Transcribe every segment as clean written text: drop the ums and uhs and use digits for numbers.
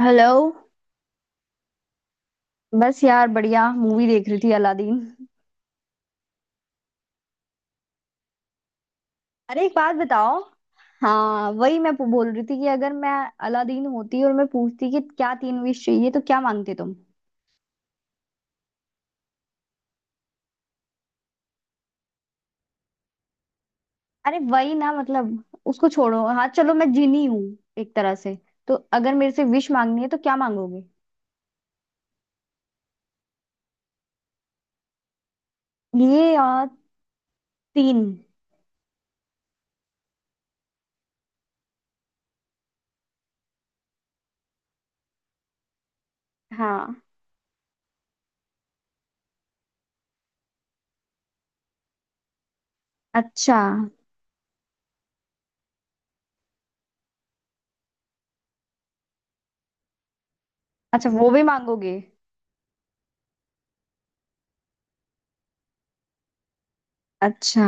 Hello. बस यार, बढ़िया मूवी देख रही थी, अलादीन। अरे, एक बात बताओ। हाँ, वही मैं बोल रही थी कि अगर मैं अलादीन होती और मैं पूछती कि क्या तीन विश चाहिए, तो क्या मांगते तुम? अरे वही ना, मतलब उसको छोड़ो। हाँ चलो, मैं जिनी हूँ एक तरह से। तो अगर मेरे से विश मांगनी है तो क्या मांगोगे? ये और तीन। हाँ। अच्छा। अच्छा वो भी मांगोगे? अच्छा,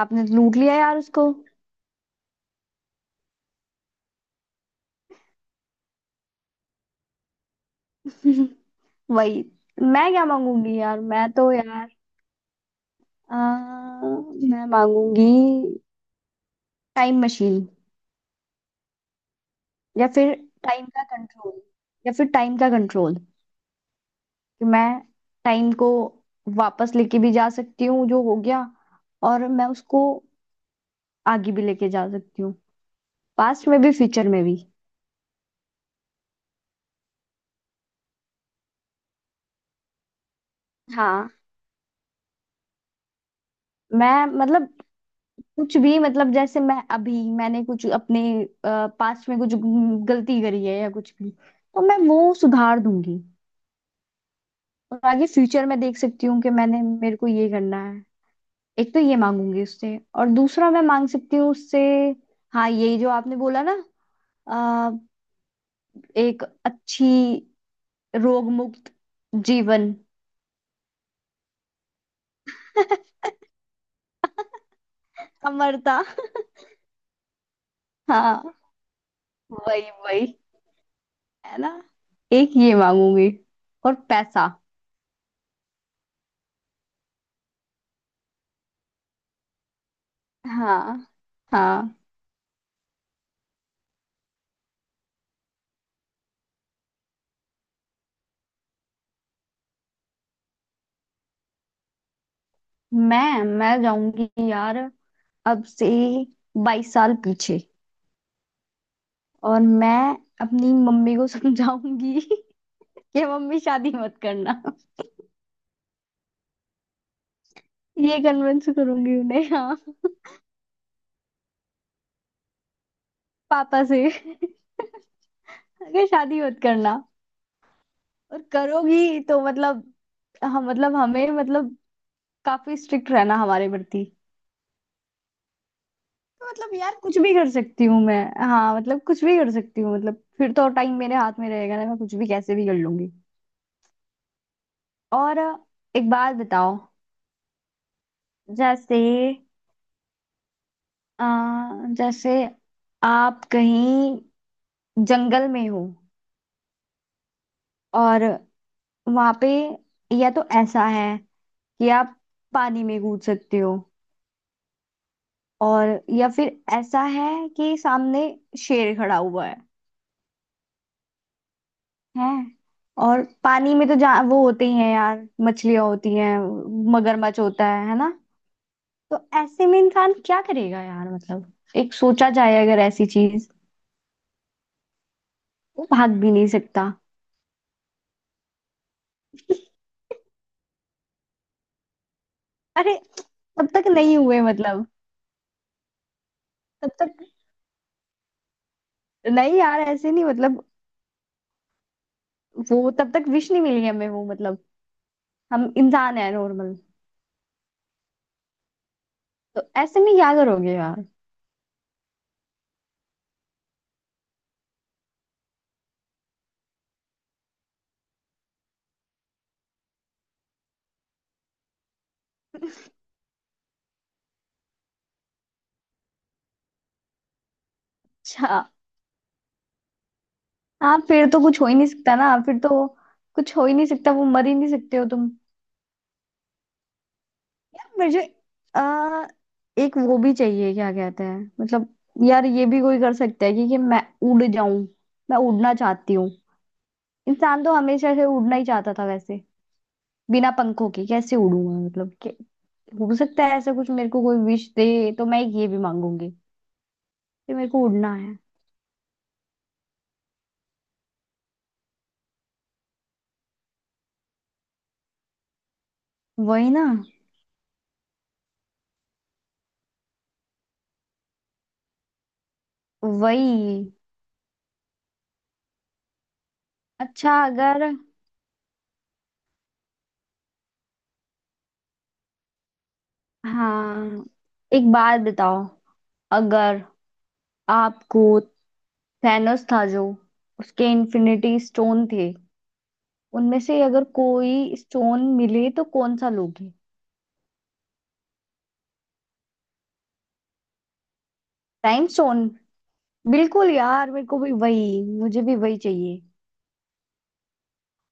आपने लूट लिया यार उसको। वही। मैं क्या मांगूंगी यार, मैं तो यार आ, मैं मांगूंगी टाइम मशीन। या फिर टाइम का कंट्रोल, या फिर टाइम का कंट्रोल। कि मैं टाइम को वापस लेके भी जा सकती हूँ जो हो गया, और मैं उसको आगे भी लेके जा सकती हूँ, पास्ट में भी फ्यूचर में भी। हाँ, मैं मतलब कुछ भी, मतलब जैसे मैं अभी, मैंने कुछ अपने पास्ट में कुछ गलती करी है या कुछ भी, तो मैं वो सुधार दूंगी। और आगे फ्यूचर में देख सकती हूँ कि मैंने मेरे को ये करना है। एक तो ये मांगूंगी उससे, और दूसरा मैं मांग सकती हूँ उससे। हाँ यही जो आपने बोला ना, आ, एक अच्छी, रोग मुक्त जीवन, अमरता। हाँ, वही वही। है ना। एक ये मांगूंगी, और पैसा। हाँ। हाँ, मैं जाऊंगी यार अब से 22 साल पीछे। और मैं अपनी मम्मी को समझाऊंगी कि मम्मी शादी मत करना। ये कन्विंस करूंगी उन्हें। हाँ। पापा से। अगर शादी मत करना, और करोगी तो मतलब हम मतलब हमें मतलब काफी स्ट्रिक्ट रहना हमारे प्रति। तो मतलब यार, कुछ भी कर सकती हूँ मैं। हाँ मतलब कुछ भी कर सकती हूँ, मतलब फिर तो टाइम मेरे हाथ में रहेगा ना, मैं कुछ भी कैसे भी कर लूंगी। और एक बात बताओ। जैसे, अ, जैसे आप कहीं जंगल में हो, और वहां पे या तो ऐसा है कि आप पानी में कूद सकते हो, और या फिर ऐसा है कि सामने शेर खड़ा हुआ है। हैं। और पानी में तो जा वो होते ही हैं यार, मछलियां होती हैं, मगरमच्छ होता है ना। तो ऐसे में इंसान क्या करेगा यार, मतलब। एक सोचा जाए अगर ऐसी चीज। वो भाग भी नहीं सकता। अरे तब तक नहीं हुए मतलब। तब तक नहीं यार, ऐसे नहीं, मतलब वो तब तक विश नहीं मिली हमें, वो मतलब हम इंसान है नॉर्मल। तो ऐसे में क्या करोगे यार? अच्छा। हाँ फिर तो कुछ हो ही नहीं सकता ना, फिर तो कुछ हो ही नहीं सकता, वो मर ही नहीं सकते हो तुम। यार मुझे आ, एक वो भी चाहिए, क्या कहते हैं मतलब। यार ये भी कोई कर सकता है कि मैं उड़ जाऊं। मैं उड़ना चाहती हूँ। इंसान तो हमेशा से उड़ना ही चाहता था वैसे। बिना पंखों के कैसे उड़ूंगा, मतलब कि हो सकता है ऐसा कुछ। मेरे को कोई विश दे तो मैं एक ये भी मांगूंगी कि मेरे को उड़ना है। वही ना। वही। अच्छा अगर। हाँ एक बात बताओ। अगर आपको थैनोस था जो, उसके इन्फिनिटी स्टोन थे, उनमें से अगर कोई स्टोन मिले तो कौन सा लोगे? Time stone. बिल्कुल यार, मेरे को भी वही, मुझे भी वही चाहिए।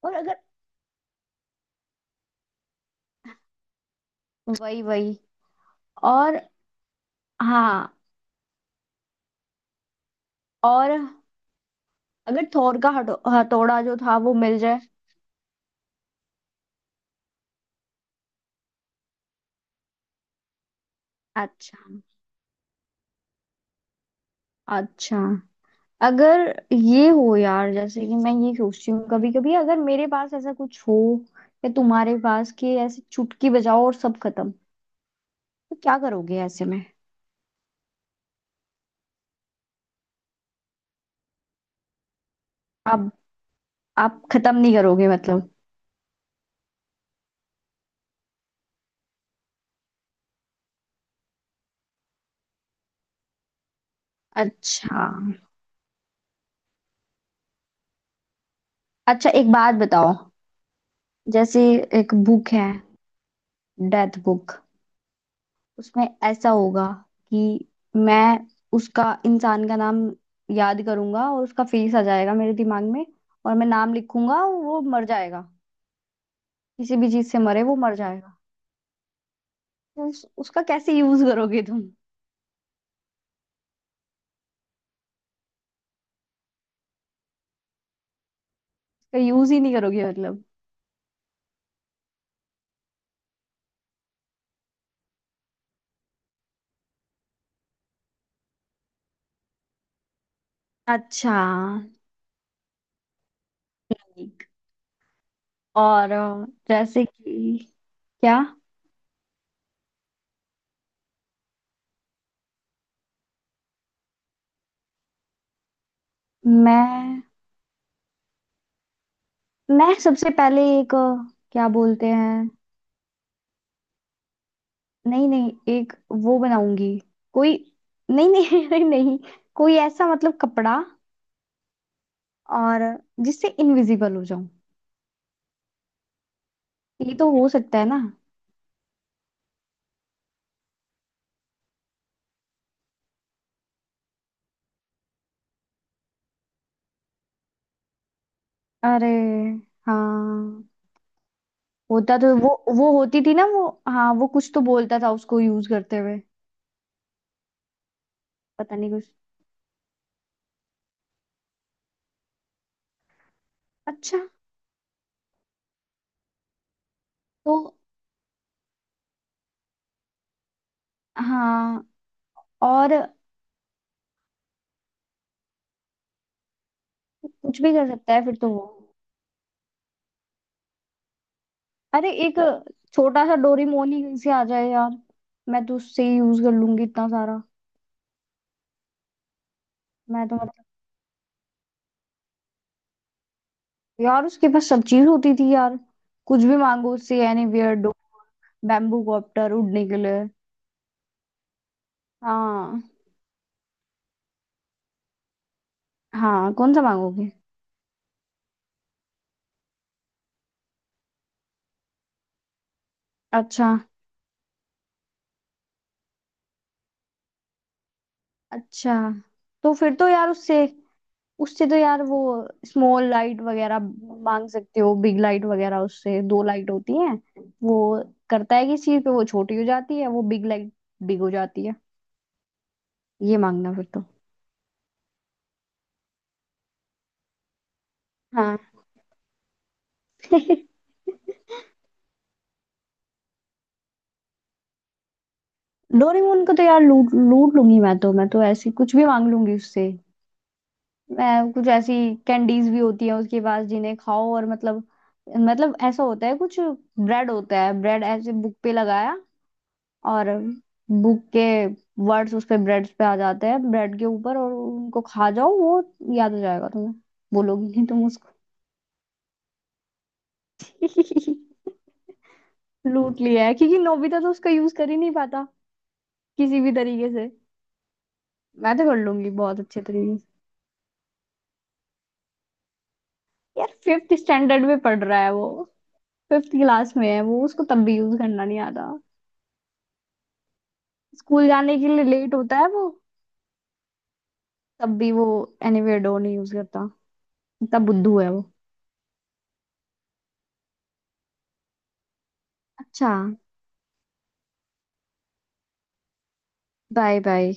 और अगर वही वही। और हाँ, और अगर थोर का हथौड़ा जो था वो मिल जाए। अच्छा। अच्छा अगर ये हो यार, जैसे कि मैं ये सोचती हूँ कभी कभी, अगर मेरे पास ऐसा कुछ हो या तुम्हारे पास, कि ऐसे चुटकी बजाओ और सब खत्म, तो क्या करोगे ऐसे में? आप। आप खत्म नहीं करोगे मतलब। अच्छा। अच्छा एक बात बताओ। जैसे एक बुक है, डेथ बुक। उसमें ऐसा होगा कि मैं उसका, इंसान का नाम याद करूंगा और उसका फेस आ जाएगा मेरे दिमाग में, और मैं नाम लिखूंगा वो मर जाएगा। किसी भी चीज से मरे, वो मर जाएगा। तो उसका कैसे यूज करोगे तुम? उसका यूज ही नहीं करोगे मतलब। अच्छा। ठीक। और जैसे कि क्या? मैं मैं सबसे पहले एक क्या बोलते हैं। नहीं नहीं एक वो बनाऊंगी। कोई। नहीं नहीं नहीं नहीं। कोई ऐसा, मतलब कपड़ा, और जिससे इनविजिबल हो जाऊं। ये तो हो सकता है ना। अरे हाँ। होता तो वो। वो होती थी ना वो, हाँ। वो कुछ तो बोलता था उसको यूज करते हुए, पता नहीं कुछ। अच्छा तो। हाँ। और कुछ भी कर सकता है फिर तो वो। अरे एक छोटा सा डोरीमोन ही कहीं से आ जाए यार, मैं तो उससे ही यूज कर लूंगी इतना सारा। मैं तो मतलब, यार उसके पास सब चीज होती थी यार, कुछ भी मांगो उससे। यानी बियर्डो। बैम्बू कॉप्टर उड़ने के लिए। हाँ। हाँ कौन सा मांगोगे। अच्छा। अच्छा तो फिर तो यार उससे, उससे तो यार वो स्मॉल लाइट वगैरह मांग सकते हो, बिग लाइट वगैरह। उससे दो लाइट होती है। वो करता है किस चीज पे वो छोटी हो जाती है, वो बिग लाइट, बिग हो जाती है। ये मांगना फिर तो। हाँ डोरेमोन को तो यार लूट लूट लूंगी मैं तो, मैं तो ऐसी कुछ भी मांग लूंगी उससे। मैं, कुछ ऐसी कैंडीज भी होती है उसके पास, जिन्हें खाओ और मतलब, मतलब ऐसा होता है कुछ। ब्रेड होता है, ब्रेड ऐसे बुक पे लगाया, और बुक के वर्ड्स उस पे ब्रेड पे आ जाते हैं, ब्रेड के ऊपर, और उनको खा जाओ, वो याद हो जाएगा तुम्हें। बोलोगी नहीं तुम उसको। लूट लिया है, क्योंकि नोबिता तो उसका यूज कर ही नहीं पाता किसी भी तरीके से। मैं तो कर लूंगी बहुत अच्छे तरीके। यार फिफ्थ स्टैंडर्ड में पढ़ रहा है वो, फिफ्थ क्लास में है वो, उसको तब भी यूज करना नहीं आता। स्कूल जाने के लिए लेट होता है वो, तब भी वो एनीवेयर डोर नहीं यूज करता, इतना बुद्धू है वो। अच्छा, बाय बाय।